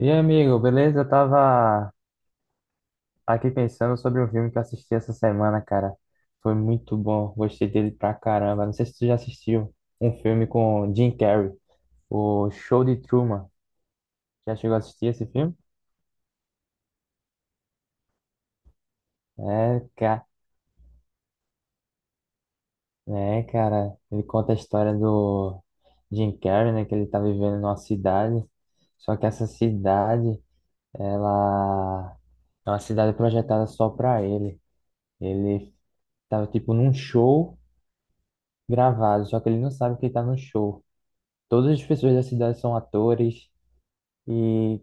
E aí, amigo, beleza? Eu tava aqui pensando sobre um filme que eu assisti essa semana, cara. Foi muito bom, gostei dele pra caramba. Não sei se tu já assistiu um filme com Jim Carrey, o Show de Truman. Já chegou a assistir esse filme? É, cara, é, cara. Ele conta a história do Jim Carrey, né? Que ele tá vivendo numa cidade. Só que essa cidade, ela é uma cidade projetada só pra ele. Ele tava tipo num show gravado, só que ele não sabe que ele tá no show. Todas as pessoas da cidade são atores e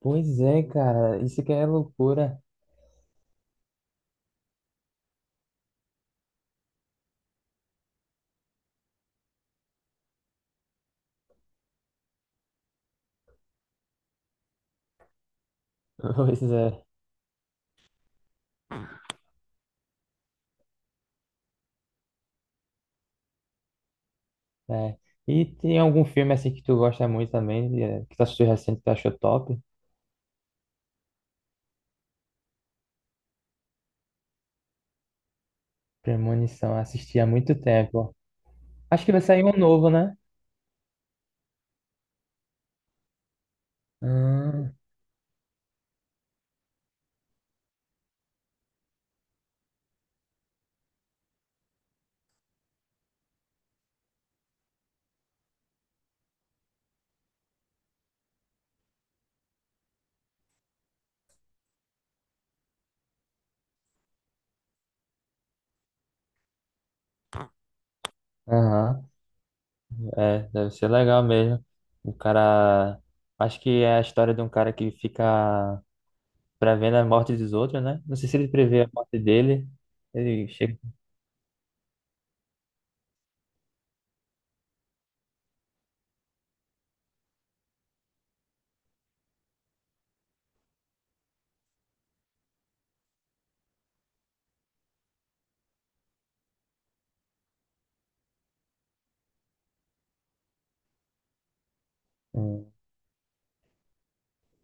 pois é, cara, isso que é loucura. Pois é, é. E tem algum filme assim que tu gosta muito também, que tu assistiu recente que tu achou top? Premonição, eu assisti há muito tempo. Acho que vai sair um novo, né? Hum. Aham. É, deve ser legal mesmo. O cara, acho que é a história de um cara que fica prevendo a morte dos outros, né? Não sei se ele prevê a morte dele. Ele. Hum.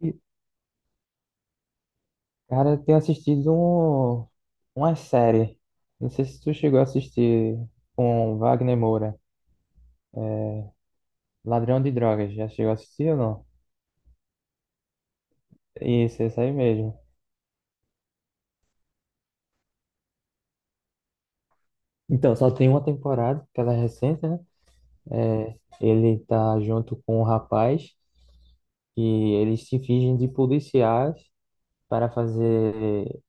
E, cara, eu tenho assistido uma série. Não sei se tu chegou a assistir com Wagner Moura, Ladrão de Drogas. Já chegou a assistir ou não? Isso aí mesmo. Então, só tem uma temporada, que ela é recente, né? É, ele tá junto com um rapaz e eles se fingem de policiais para fazer,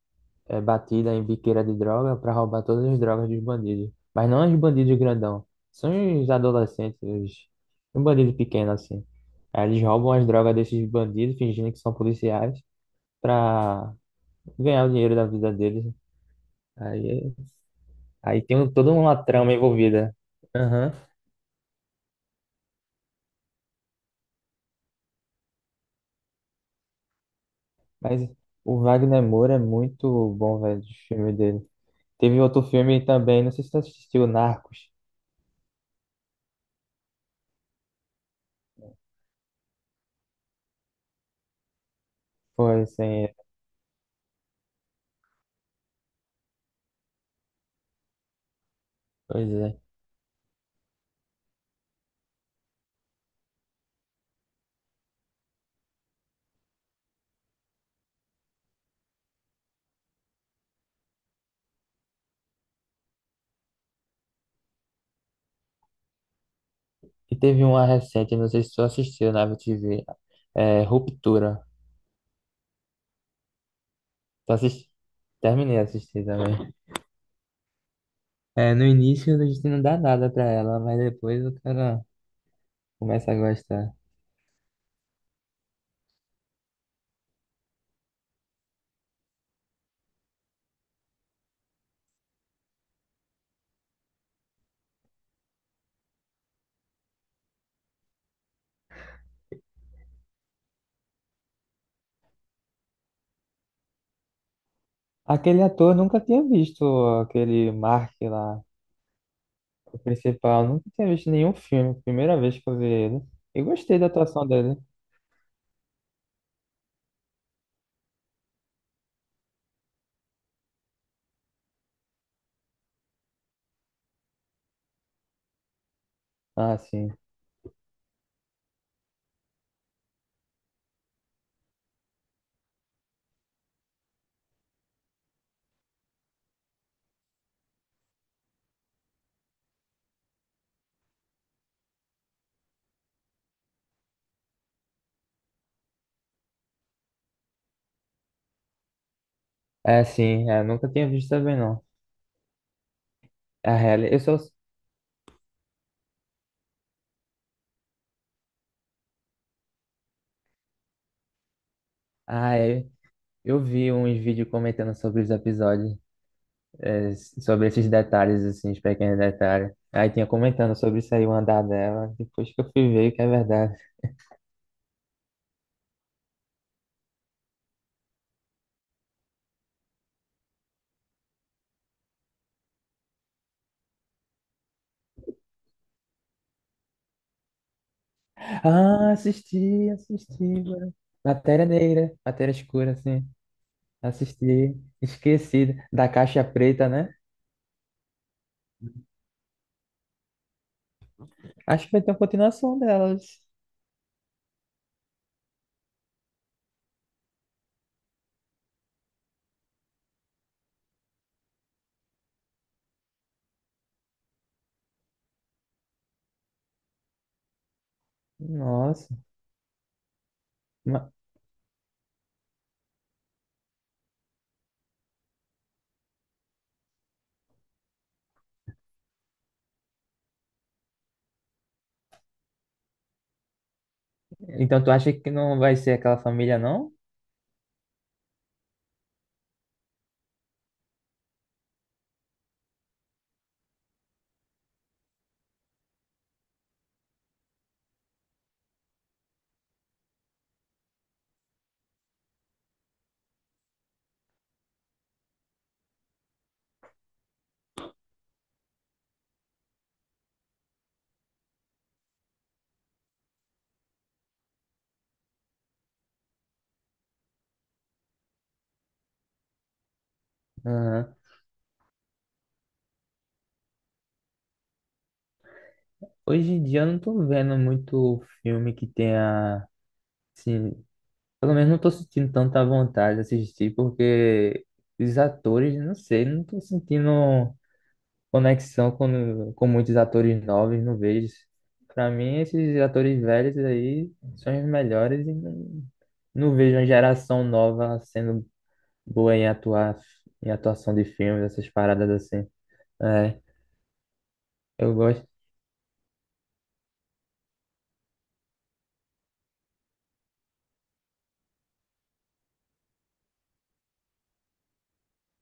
é, batida em biqueira de droga para roubar todas as drogas dos bandidos. Mas não os bandidos grandão, são os adolescentes, os... um bandido pequeno assim. Aí eles roubam as drogas desses bandidos, fingindo que são policiais, para ganhar o dinheiro da vida deles. Aí, aí tem um- toda uma trama envolvida. Aham. Mas o Wagner Moura é muito bom, velho, os filmes dele. Teve outro filme também, não sei se você assistiu, Narcos. Foi, assim, pois é. E teve uma recente, não sei se tu assistiu na TV, é, Ruptura. Tu assisti... Terminei de assistir também. É, no início a gente não dá nada pra ela, mas depois o cara começa a gostar. Aquele ator, nunca tinha visto aquele Mark lá, o principal, nunca tinha visto nenhum filme, primeira vez que eu vi ele. Eu gostei da atuação dele. Ah, sim. É, sim, é, nunca tinha visto também não. É, a real, eu só. Ah, é, eu vi uns vídeos comentando sobre os episódios, é, sobre esses detalhes, assim, os pequenos detalhes. Aí tinha comentando sobre isso aí, o andar dela. Depois que eu fui ver que é verdade. Ah, assisti, assisti, mano. Matéria negra, matéria escura, assim. Assisti, esqueci da caixa preta, né? Acho que vai ter uma continuação delas. Nossa. Ma- Então tu acha que não vai ser aquela família, não? Aham. Hoje em dia eu não tô vendo muito filme que tenha, assim. Pelo menos não tô sentindo tanta vontade de assistir, porque os atores, não sei, não tô sentindo conexão com muitos atores novos, não vejo. Pra mim, esses atores velhos aí são os melhores e não, não vejo uma geração nova sendo boa em atuar, em atuação de filmes, essas paradas assim. É, eu gosto.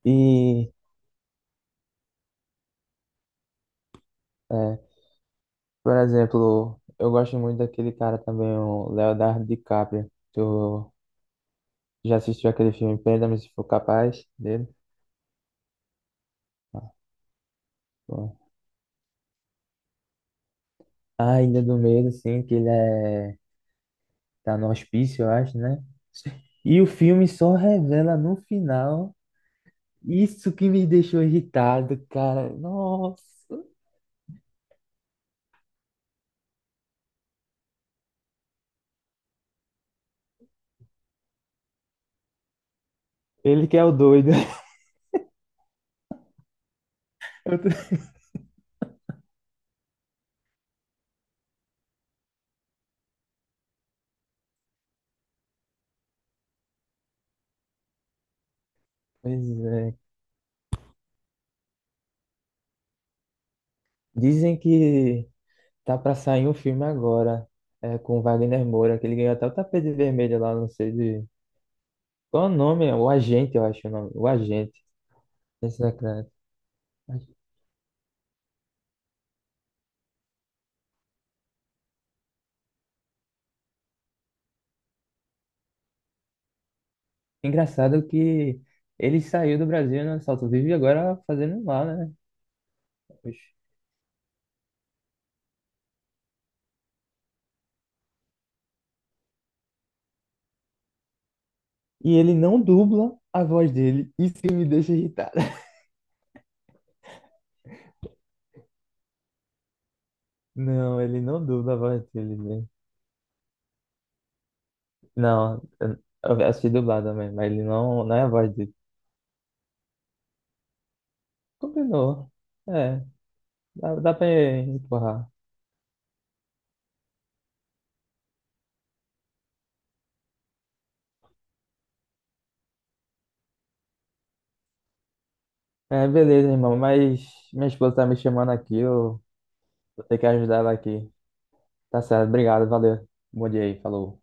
E, é, por exemplo, eu gosto muito daquele cara também, o Leonardo DiCaprio. Tu já assistiu aquele filme Perdão-me se for capaz dele? Bom. A Ilha do Medo, assim, que ele é... tá no hospício, eu acho, né? E o filme só revela no final. Isso que me deixou irritado, cara. Nossa. Ele que é o doido. Eu tô- Pois é. Dizem que tá pra sair um filme agora, é, com o Wagner Moura, que ele ganhou até o tapete vermelho lá, não sei de... Qual é o nome? O Agente, eu acho o nome. O Agente. Esse é claro. Engraçado que ele saiu do Brasil, né? Só vive agora fazendo lá, né? Oxe. E ele não dubla a voz dele. Isso que me deixa irritada. Não, ele não dubla a voz dele, velho. Não, eu assisti dublado também, mas ele não, não é a voz dele. Combinou. É, dá pra empurrar. É, beleza, irmão, mas minha esposa tá me chamando aqui, eu vou ter que ajudar ela aqui. Tá certo, obrigado, valeu. Bom dia aí, falou.